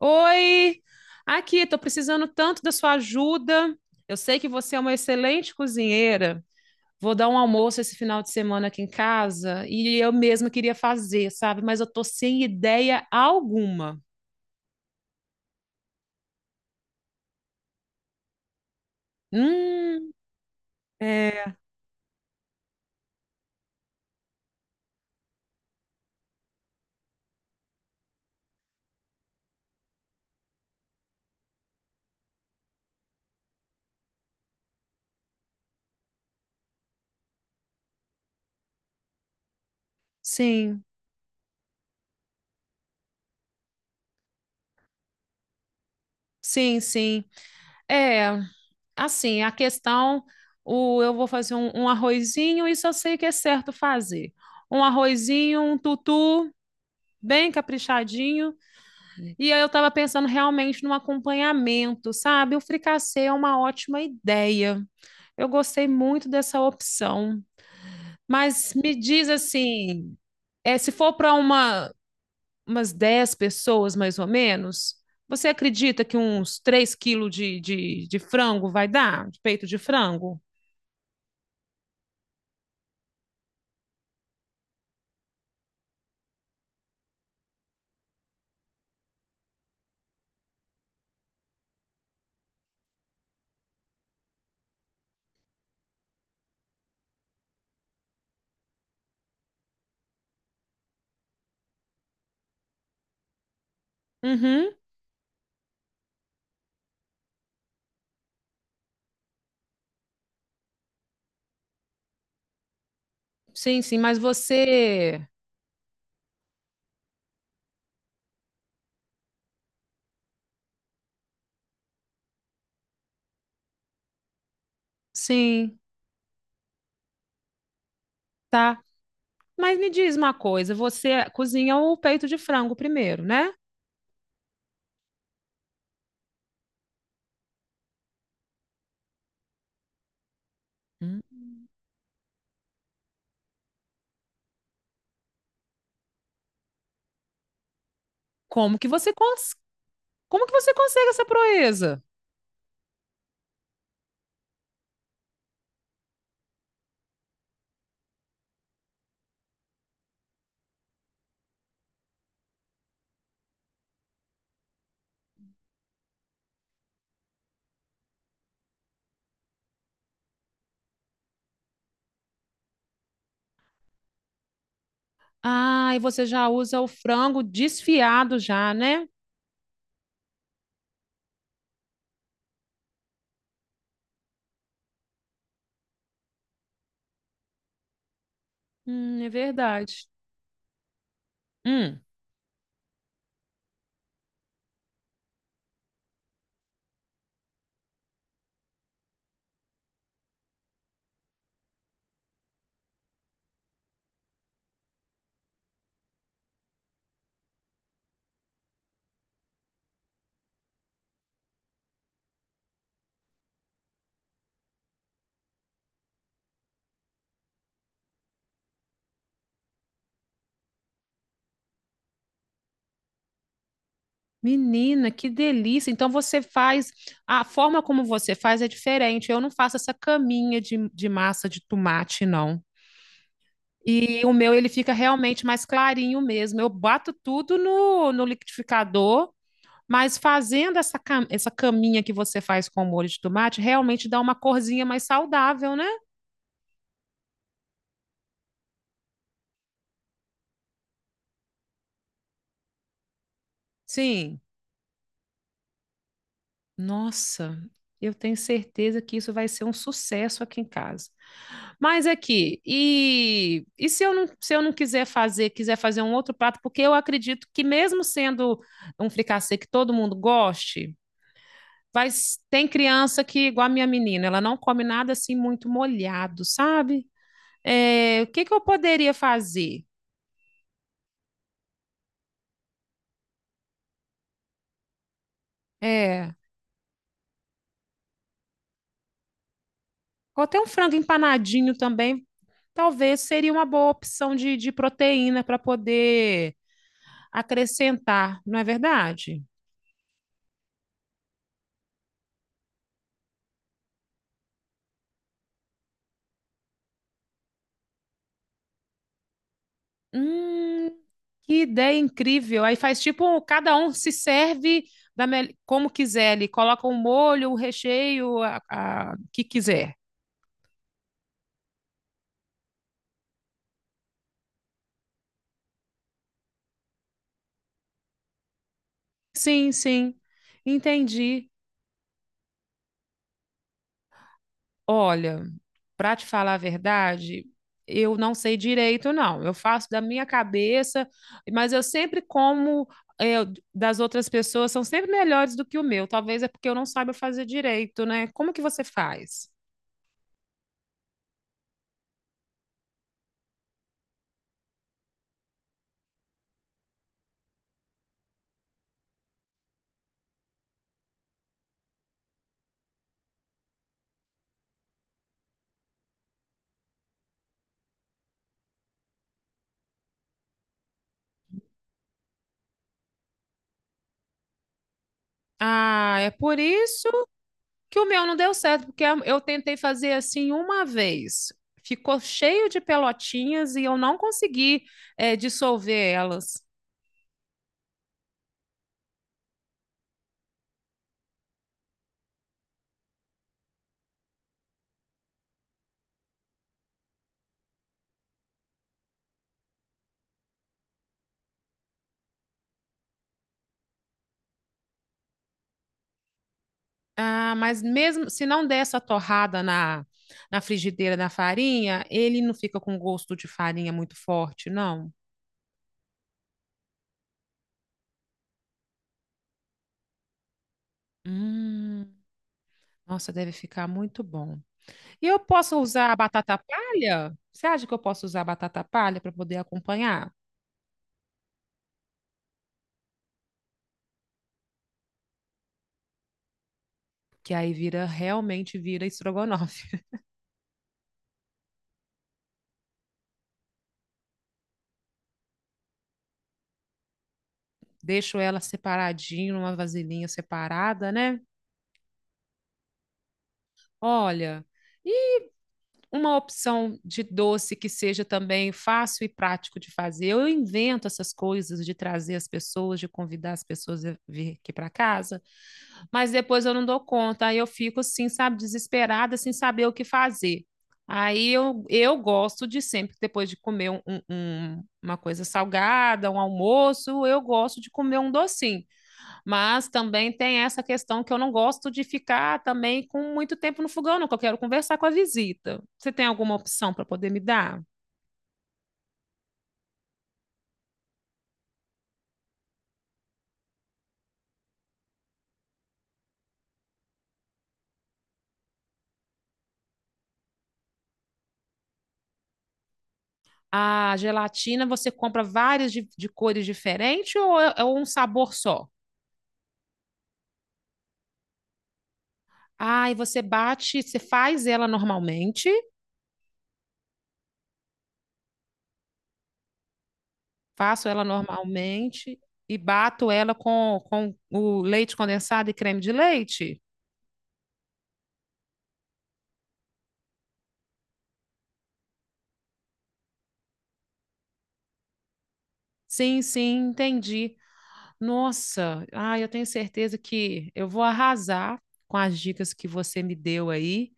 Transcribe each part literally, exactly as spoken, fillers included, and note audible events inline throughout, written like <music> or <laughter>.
Oi, aqui, estou precisando tanto da sua ajuda. Eu sei que você é uma excelente cozinheira. Vou dar um almoço esse final de semana aqui em casa e eu mesma queria fazer, sabe? Mas eu tô sem ideia alguma. Hum, é, sim, sim, sim. É, assim, a questão, o, eu vou fazer um, um arrozinho, isso eu sei que é certo fazer. Um arrozinho, um tutu, bem caprichadinho. E aí eu estava pensando realmente num acompanhamento, sabe? O fricassê é uma ótima ideia. Eu gostei muito dessa opção. Mas me diz assim, é, se for para uma, umas dez pessoas, mais ou menos, você acredita que uns três quilos de, de, de frango vai dar? De peito de frango? Uhum. Sim, sim, mas você. Sim, tá. Mas me diz uma coisa, você cozinha o peito de frango primeiro, né? Hum. Como que você cons- Como que você consegue essa proeza? Ah, e você já usa o frango desfiado já, né? Hum, é verdade. Hum, Menina, que delícia. Então você faz, a forma como você faz é diferente. Eu não faço essa caminha de, de massa de tomate, não. E o meu, ele fica realmente mais clarinho mesmo. Eu bato tudo no, no liquidificador, mas fazendo essa, cam- essa caminha que você faz com o molho de tomate, realmente dá uma corzinha mais saudável, né? Sim. Nossa, eu tenho certeza que isso vai ser um sucesso aqui em casa. Mas aqui, e, e se eu não, se eu não quiser fazer, quiser fazer um outro prato, porque eu acredito que mesmo sendo um fricassê que todo mundo goste, vai, s- tem criança que, igual a minha menina, ela não come nada assim muito molhado, sabe? É, o que que eu poderia fazer? É, ou até um frango empanadinho também, talvez seria uma boa opção de, de proteína para poder acrescentar, não é verdade? Hum, que ideia incrível. Aí faz tipo, um, cada um se serve da me- como quiser ali, coloca o molho, o recheio, a, a- o que quiser. Sim, sim, entendi. Olha, para te falar a verdade, eu não sei direito, não. Eu faço da minha cabeça, mas eu sempre como é, das outras pessoas, são sempre melhores do que o meu. Talvez é porque eu não saiba fazer direito, né? Como que você faz? Ah, é por isso que o meu não deu certo, porque a- eu tentei fazer assim uma vez. Ficou cheio de pelotinhas e eu não consegui, eh, dissolver elas. Ah, mas mesmo se não der essa torrada na, na frigideira da farinha, ele não fica com gosto de farinha muito forte, não? Hum, Nossa, deve ficar muito bom. E eu posso usar a batata palha? Você acha que eu posso usar a batata palha para poder acompanhar? Que aí vira, realmente vira estrogonofe. <laughs> Deixo ela separadinho, numa vasilhinha separada, né? Olha, uma opção de doce que seja também fácil e prático de fazer. Eu invento essas coisas de trazer as pessoas, de convidar as pessoas a vir aqui para casa, mas depois eu não dou conta. Aí eu fico assim, sabe, desesperada, sem saber o que fazer. Aí eu, eu gosto de sempre, depois de comer um, um, uma coisa salgada, um almoço, eu gosto de comer um docinho. Mas também tem essa questão que eu não gosto de ficar também com muito tempo no fogão, não, que eu quero conversar com a visita. Você tem alguma opção para poder me dar? A gelatina você compra várias de, de cores diferentes ou é, é um sabor só? Ah, e você bate, você faz ela normalmente, faço ela normalmente e bato ela com, com o leite condensado e creme de leite? Sim, sim, entendi. Nossa, ah, eu tenho certeza que eu vou arrasar com as dicas que você me deu aí.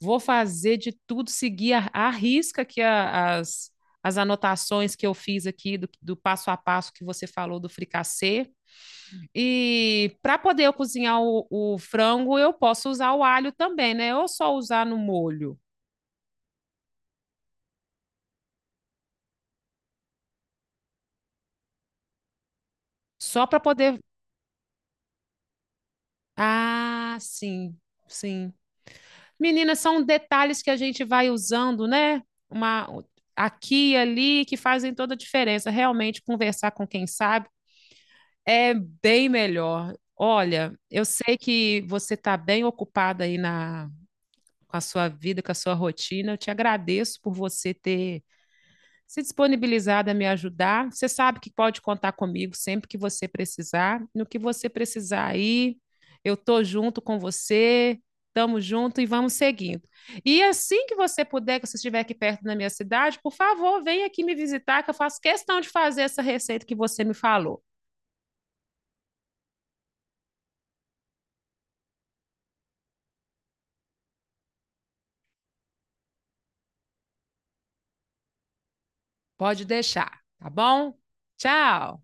Vou fazer de tudo, seguir a, a risca que a- as, as anotações que eu fiz aqui do, do passo a passo que você falou do fricassê. E para poder eu cozinhar o, o frango, eu posso usar o alho também, né? Ou só usar no molho? Só para poder. Ah, sim, sim. Meninas são detalhes que a gente vai usando, né? Uma aqui e ali que fazem toda a diferença. Realmente, conversar com quem sabe é bem melhor. Olha, eu sei que você está bem ocupada aí na, com a sua vida, com a sua rotina. Eu te agradeço por você ter se disponibilizada a me ajudar. Você sabe que pode contar comigo sempre que você precisar. No que você precisar aí, eu tô junto com você. Estamos juntos e vamos seguindo. E assim que você puder, que você estiver aqui perto da minha cidade, por favor, venha aqui me visitar, que eu faço questão de fazer essa receita que você me falou. Pode deixar, tá bom? Tchau!